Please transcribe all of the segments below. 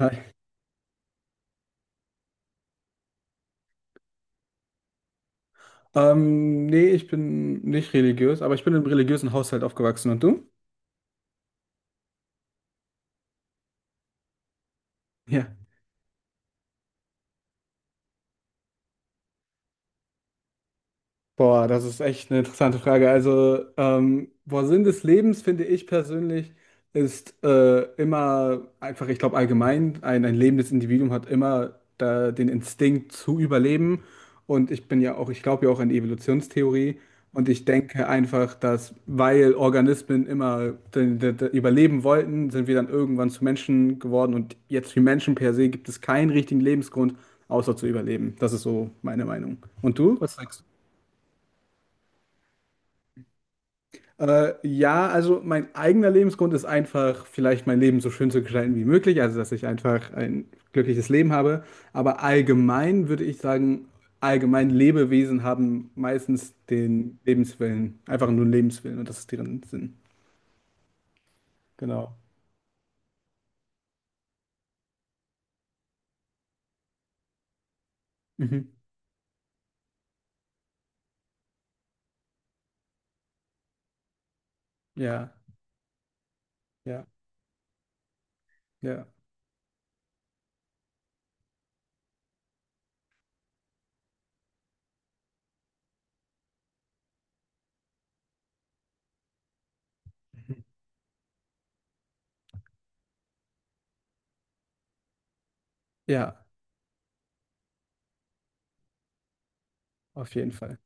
Hi. Nee, ich bin nicht religiös, aber ich bin im religiösen Haushalt aufgewachsen. Und du? Ja. Boah, das ist echt eine interessante Frage. Also, boah, Sinn des Lebens, finde ich persönlich, ist immer einfach, ich glaube, allgemein, ein lebendes Individuum hat immer da den Instinkt zu überleben. Und ich bin ja auch, ich glaube ja auch an die Evolutionstheorie. Und ich denke einfach, dass weil Organismen immer den überleben wollten, sind wir dann irgendwann zu Menschen geworden. Und jetzt wie Menschen per se gibt es keinen richtigen Lebensgrund, außer zu überleben. Das ist so meine Meinung. Und du? Was sagst du? Ja, also mein eigener Lebensgrund ist einfach, vielleicht mein Leben so schön zu gestalten wie möglich, also dass ich einfach ein glückliches Leben habe. Aber allgemein würde ich sagen, allgemein Lebewesen haben meistens den Lebenswillen, einfach nur einen Lebenswillen und das ist deren Sinn. Genau. Mhm. Ja, ja, ja, ja, auf jeden Fall.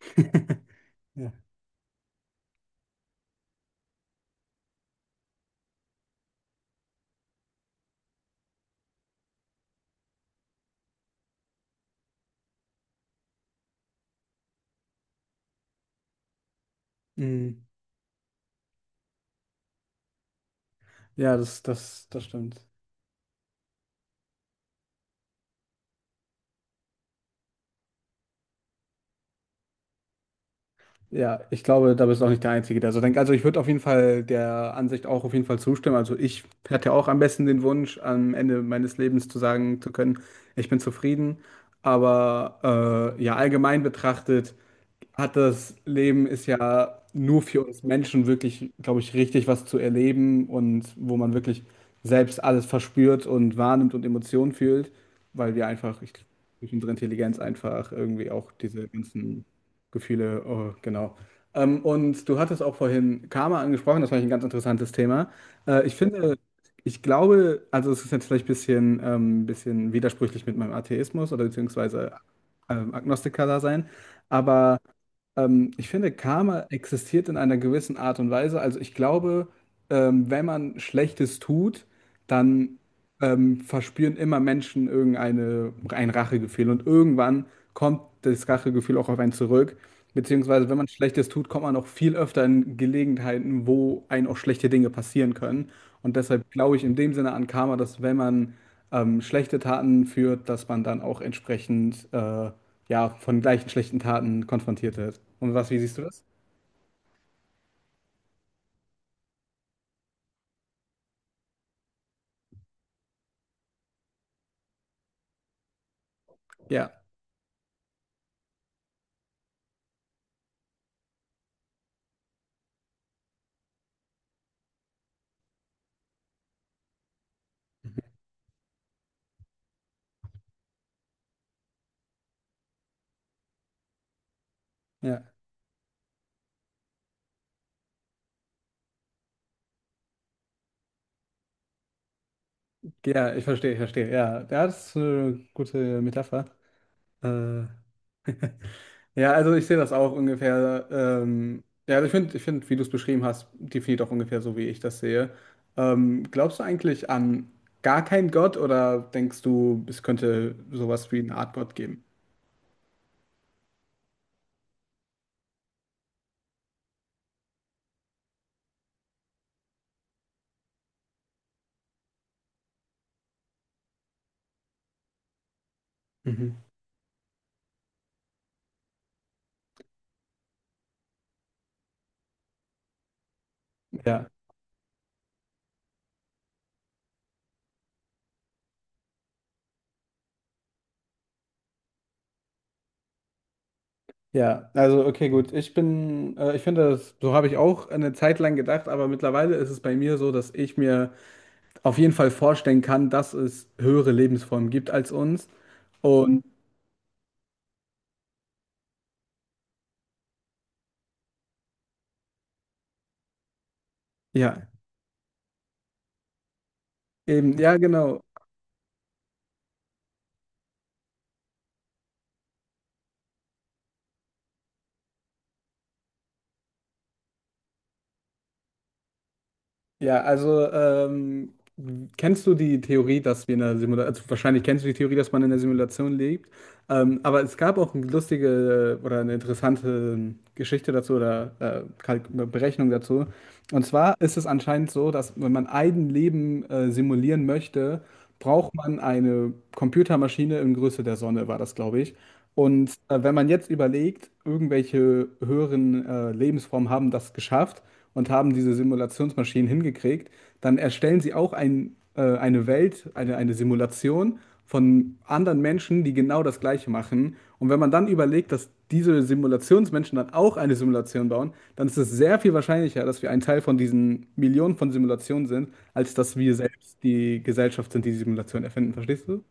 Ja, mm. Ja, das stimmt. Ja, ich glaube, da bist du auch nicht der Einzige, der so denkt. Also ich würde auf jeden Fall der Ansicht auch auf jeden Fall zustimmen. Also ich hatte auch am besten den Wunsch, am Ende meines Lebens zu sagen zu können, ich bin zufrieden. Aber ja, allgemein betrachtet hat das Leben ist ja nur für uns Menschen wirklich, glaube ich, richtig was zu erleben und wo man wirklich selbst alles verspürt und wahrnimmt und Emotionen fühlt, weil wir einfach ich, durch unsere Intelligenz einfach irgendwie auch diese ganzen Gefühle, oh, genau. Und du hattest auch vorhin Karma angesprochen, das fand ich ein ganz interessantes Thema. Ich finde, ich glaube, also es ist jetzt vielleicht ein bisschen, bisschen widersprüchlich mit meinem Atheismus oder beziehungsweise Agnostiker da sein, aber ich finde, Karma existiert in einer gewissen Art und Weise. Also ich glaube, wenn man Schlechtes tut, dann verspüren immer Menschen irgendeine, ein Rachegefühl. Und irgendwann kommt das Rachegefühl auch auf einen zurück. Beziehungsweise, wenn man Schlechtes tut, kommt man auch viel öfter in Gelegenheiten, wo einem auch schlechte Dinge passieren können. Und deshalb glaube ich in dem Sinne an Karma, dass wenn man schlechte Taten führt, dass man dann auch entsprechend ja, von gleichen schlechten Taten konfrontiert wird. Und was, wie siehst du das? Ja, ja, ja, ich verstehe. Ja, ja, das ist eine gute Metapher. Äh, Ja, also ich sehe das auch ungefähr. Ja, also ich finde, ich find, wie du es beschrieben hast, definiert auch ungefähr so, wie ich das sehe. Glaubst du eigentlich an gar keinen Gott oder denkst du, es könnte sowas wie eine Art Gott geben? Mhm. Ja, ja, also okay, gut. Ich bin, ich finde, das, so habe ich auch eine Zeit lang gedacht, aber mittlerweile ist es bei mir so, dass ich mir auf jeden Fall vorstellen kann, dass es höhere Lebensformen gibt als uns. Und ja, eben, ja, genau. Ja, also kennst du die Theorie, dass wir in einer Simulation, also wahrscheinlich kennst du die Theorie, dass man in einer Simulation lebt, aber es gab auch eine lustige oder eine interessante Geschichte dazu oder Kalk- Berechnung dazu. Und zwar ist es anscheinend so, dass wenn man ein Leben simulieren möchte, braucht man eine Computermaschine in Größe der Sonne, war das, glaube ich. Und wenn man jetzt überlegt, irgendwelche höheren Lebensformen haben das geschafft und haben diese Simulationsmaschinen hingekriegt, dann erstellen sie auch ein, eine Welt, eine Simulation von anderen Menschen, die genau das Gleiche machen. Und wenn man dann überlegt, dass diese Simulationsmenschen dann auch eine Simulation bauen, dann ist es sehr viel wahrscheinlicher, dass wir ein Teil von diesen Millionen von Simulationen sind, als dass wir selbst die Gesellschaft sind, die die Simulation erfinden. Verstehst du?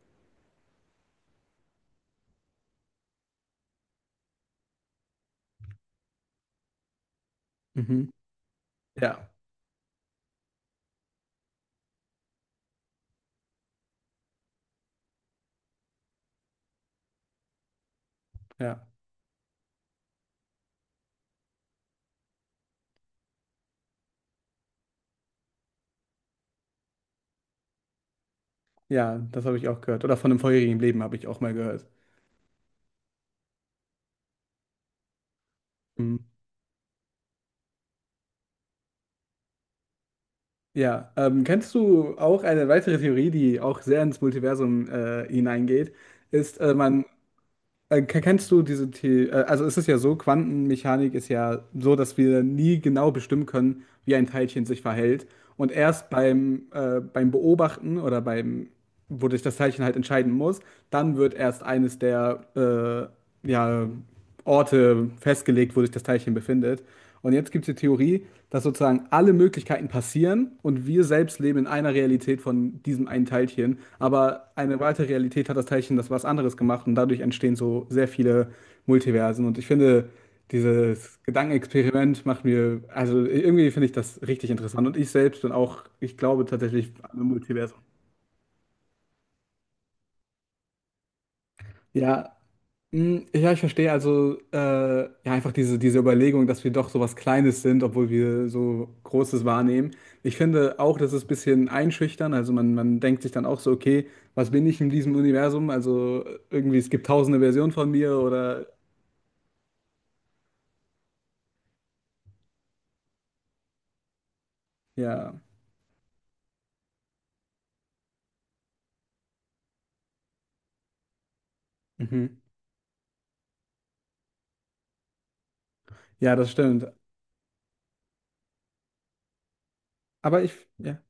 Mhm. Ja, ja, ja, das habe ich auch gehört. Oder von einem vorherigen Leben habe ich auch mal gehört. Mhm. Ja, kennst du auch eine weitere Theorie, die auch sehr ins Multiversum hineingeht, ist, man, ke- kennst du diese The also es ist ja so, Quantenmechanik ist ja so, dass wir nie genau bestimmen können, wie ein Teilchen sich verhält. Und erst beim, beim Beobachten oder beim, wo wodurch das Teilchen halt entscheiden muss, dann wird erst eines der, ja, Orte festgelegt, wo sich das Teilchen befindet. Und jetzt gibt es die Theorie, dass sozusagen alle Möglichkeiten passieren und wir selbst leben in einer Realität von diesem einen Teilchen. Aber eine weitere Realität hat das Teilchen das was anderes gemacht und dadurch entstehen so sehr viele Multiversen. Und ich finde, dieses Gedankenexperiment macht mir, also irgendwie finde ich das richtig interessant. Und ich selbst bin auch, ich glaube tatsächlich an ein Multiversum. Ja, Mm, Ja, ich verstehe also ja einfach diese, diese Überlegung, dass wir doch so was Kleines sind, obwohl wir so Großes wahrnehmen. Ich finde auch, das ist ein bisschen einschüchtern. Also man denkt sich dann auch so, okay, was bin ich in diesem Universum? Also irgendwie, es gibt tausende Versionen von mir oder ja. Mhm. Ja, das stimmt. Aber ich, ja.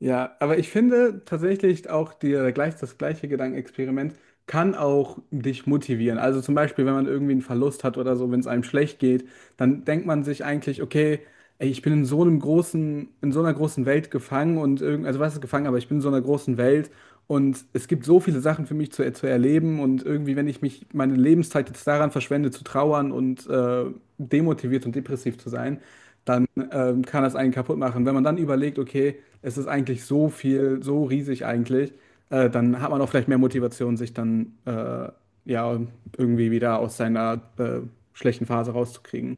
Ja, aber ich finde tatsächlich auch die, gleich, das gleiche Gedankenexperiment kann auch dich motivieren. Also zum Beispiel, wenn man irgendwie einen Verlust hat oder so, wenn es einem schlecht geht, dann denkt man sich eigentlich, okay, ey, ich bin in so einem großen, in so einer großen Welt gefangen und irgend, also was ist gefangen, aber ich bin in so einer großen Welt und es gibt so viele Sachen für mich zu erleben und irgendwie, wenn ich mich meine Lebenszeit jetzt daran verschwende, zu trauern und demotiviert und depressiv zu sein, dann kann das einen kaputt machen. Wenn man dann überlegt, okay, es ist eigentlich so viel, so riesig eigentlich, dann hat man auch vielleicht mehr Motivation, sich dann ja irgendwie wieder aus seiner schlechten Phase rauszukriegen.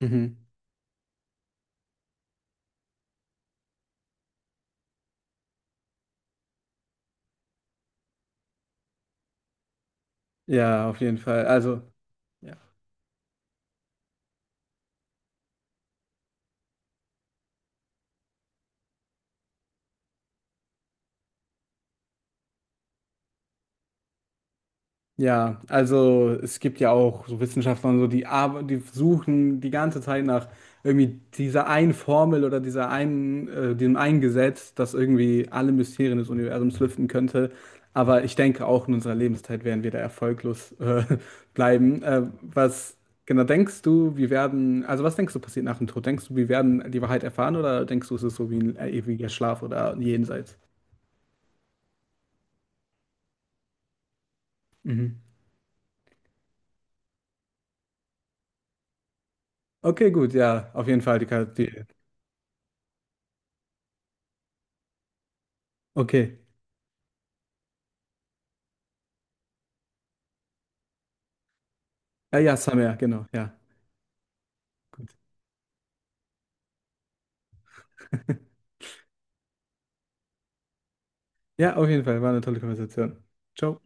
Mhm. Ja, auf jeden Fall. Also. Ja. Ja, also es gibt ja auch so Wissenschaftler und so, die, arbe- die suchen die ganze Zeit nach irgendwie dieser einen Formel oder dieser einen, dem einen Gesetz, das irgendwie alle Mysterien des Universums lüften könnte. Aber ich denke, auch in unserer Lebenszeit werden wir da erfolglos bleiben. Was genau denkst du, wir werden, also was denkst du passiert nach dem Tod? Denkst du, wir werden die Wahrheit erfahren oder denkst du, es ist so wie ein ewiger Schlaf oder ein Jenseits? Mhm. Okay, gut, ja, auf jeden Fall, die, Ka- die, okay. Ja, ja, Summer, genau, ja. Gut. Ja, auf jeden Fall, war eine tolle Konversation. Ciao.